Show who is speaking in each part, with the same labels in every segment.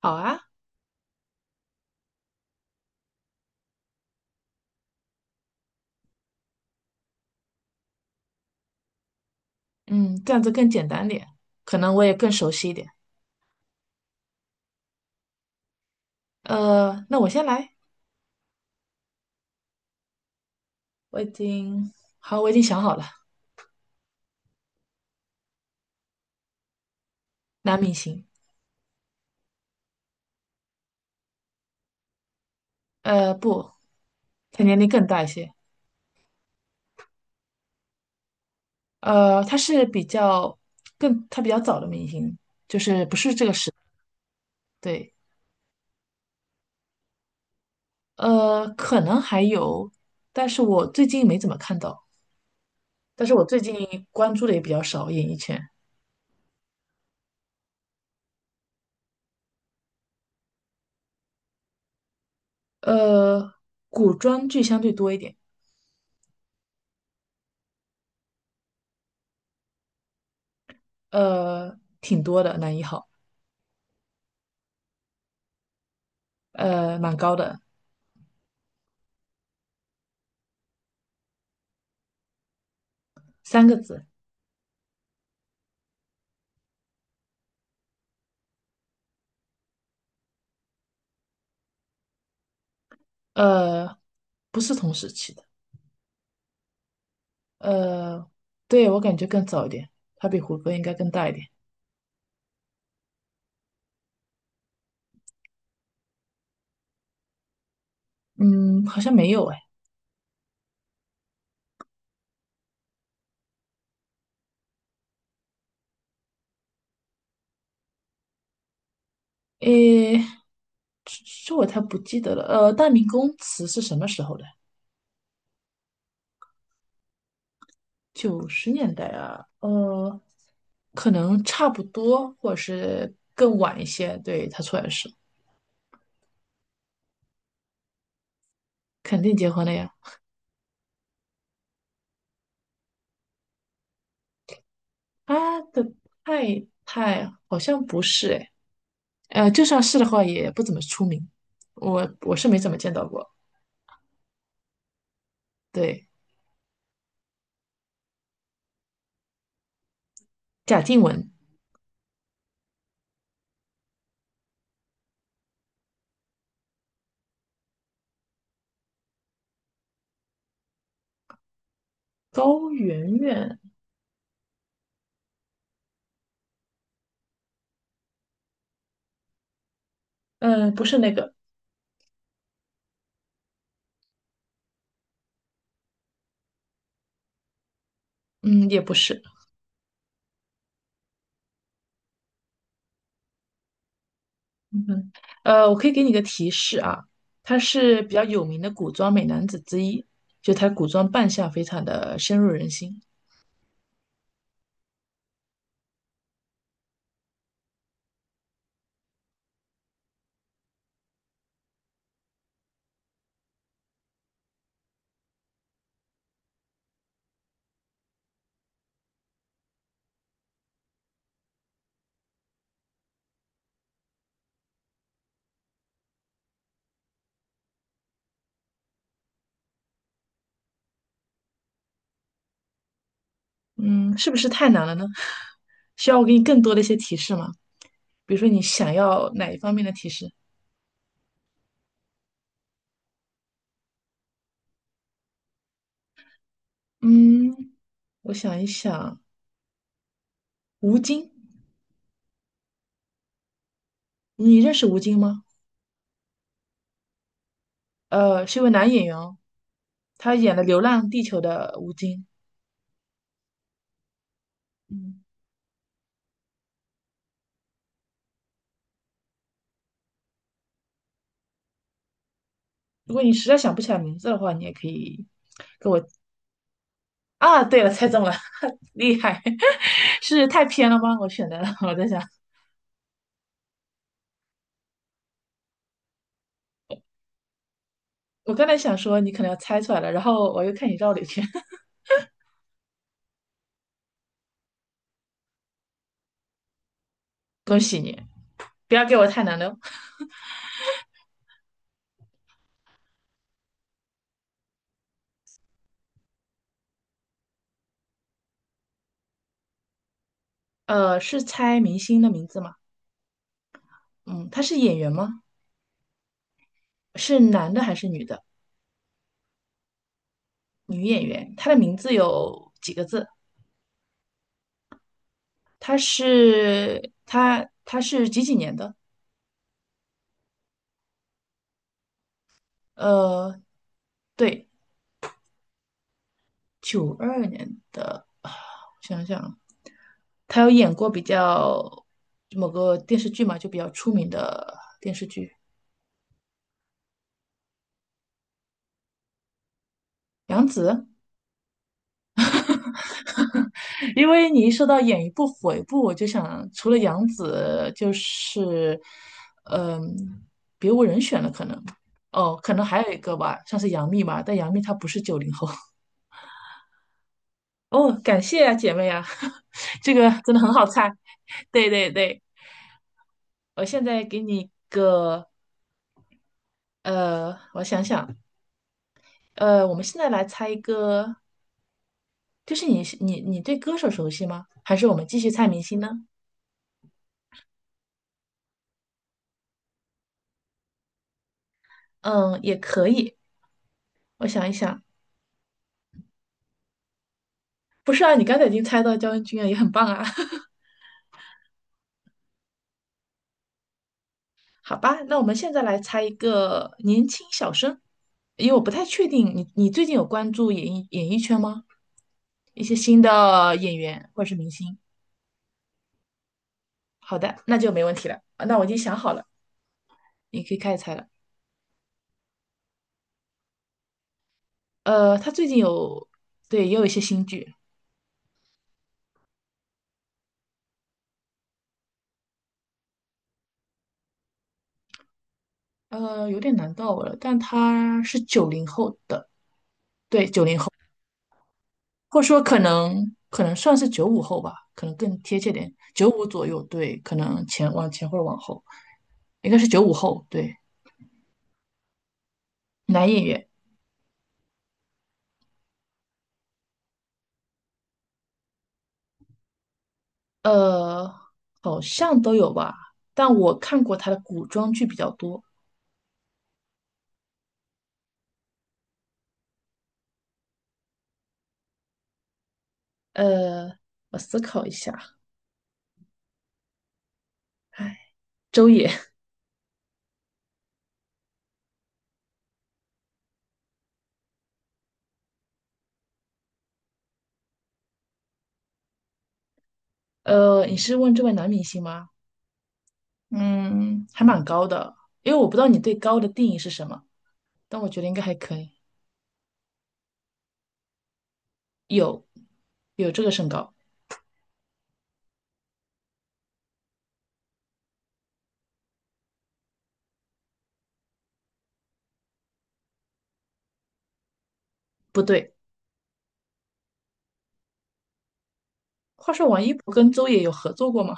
Speaker 1: 好啊。嗯，这样子更简单点，可能我也更熟悉一点。那我先来，我已经，好，我已经想好了。男明星。不，他年龄更大一些。他是比较更，他比较早的明星，就是不是这个时，对。可能还有，但是我最近没怎么看到，但是我最近关注的也比较少，演艺圈。呃，古装剧相对多一点。挺多的，男一号。蛮高的。三个字。呃，不是同时期的。呃，对，我感觉更早一点，它比胡歌应该更大一点。嗯，好像没有哎。诶，这这我太不记得了，大明宫词是什么时候的？90年代啊，可能差不多，或者是更晚一些，对，他出来的时候。肯定结婚了呀。他的太太好像不是哎，就算是的话，也不怎么出名，我是没怎么见到过。对。贾静雯、高圆圆。嗯，不是那个。嗯，也不是。嗯，我可以给你个提示啊。他是比较有名的古装美男子之一，就他古装扮相非常的深入人心。嗯，是不是太难了呢？需要我给你更多的一些提示吗？比如说你想要哪一方面的提示？嗯，我想一想。吴京。你认识吴京吗？是一位男演员哦。他演了《流浪地球》的吴京。嗯，如果你实在想不起来名字的话，你也可以啊。对了，猜中了。厉害！是太偏了吗？我选的，我在想。我刚才想说你可能要猜出来了，然后我又看你绕了一圈。恭喜你！不要给我太难的哦。是猜明星的名字吗？嗯，他是演员吗？是男的还是女的？女演员。她的名字有几个字？她是几几年的？呃，对。92年的啊，我想想。他有演过比较某个电视剧嘛，就比较出名的。杨紫。因为你一说到演一部火一部，我就想除了杨紫，就是嗯，别无人选了，可能。哦，可能还有一个吧，像是杨幂吧，但杨幂她不是九零后。 哦。感谢啊，姐妹啊。这个真的很好猜。对对对，我现在给你一个。我想想。我们现在来猜一个，就是你是你你对歌手熟悉吗？还是我们继续猜明星呢？嗯，也可以。我想一想。不是啊，你刚才已经猜到焦恩俊了，也很棒啊。好吧，那我们现在来猜一个年轻小生，因为我不太确定你最近有关注演艺圈吗？一些新的演员或者是明星。好的，那就没问题了。啊，那我已经想好了，你可以开始猜了。他最近有，对，也有一些新剧。有点难到我了，但他是九零后的。或者说可能算是九五后吧，可能更贴切点，95左右，对，可能前往前或者往后。应该是九五后，对。男演员。呃，好像都有吧，但我看过他的古装剧比较多。呃，我思考一下。哎，周也。你是问这位男明星吗？嗯，还蛮高的，因为我不知道你对高的定义是什么，但我觉得应该还可以。有有这个身高。不对。话说王一博跟周也有合作过吗？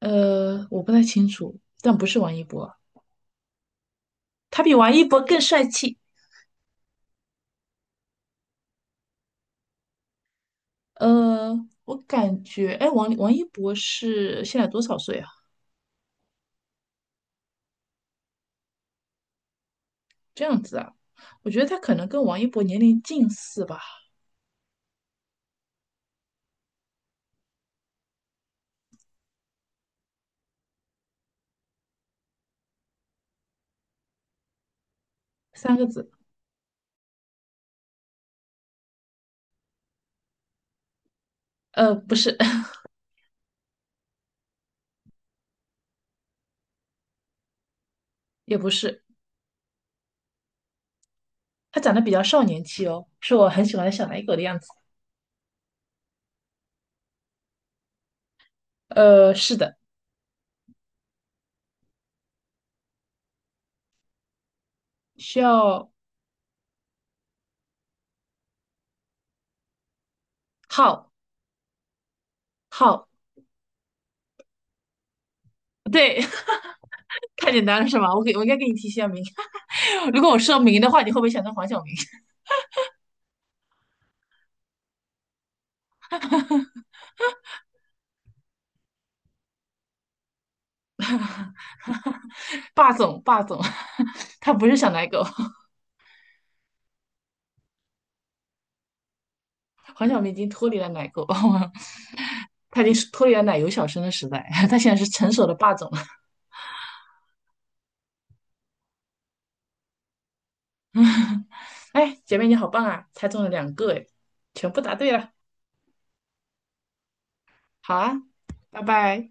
Speaker 1: 我不太清楚，但不是王一博。他比王一博更帅气。呃，我感觉，哎，王一博是现在多少岁啊？这样子啊。我觉得他可能跟王一博年龄近似吧。三个字。不是。也不是。他长得比较少年气哦，是我很喜欢的小奶狗的样子。是的。需要浩浩，对。太简单了是吗？我给我应该给你提一下名。如果我说明的话，你会不会想到黄晓明？霸总，霸总。他不是小奶狗。黄晓明已经脱离了奶狗。他已经脱离了奶油小生的时代。他现在是成熟的霸总了。哎，姐妹你好棒啊，猜中了两个哎，全部答对了。好啊。拜拜。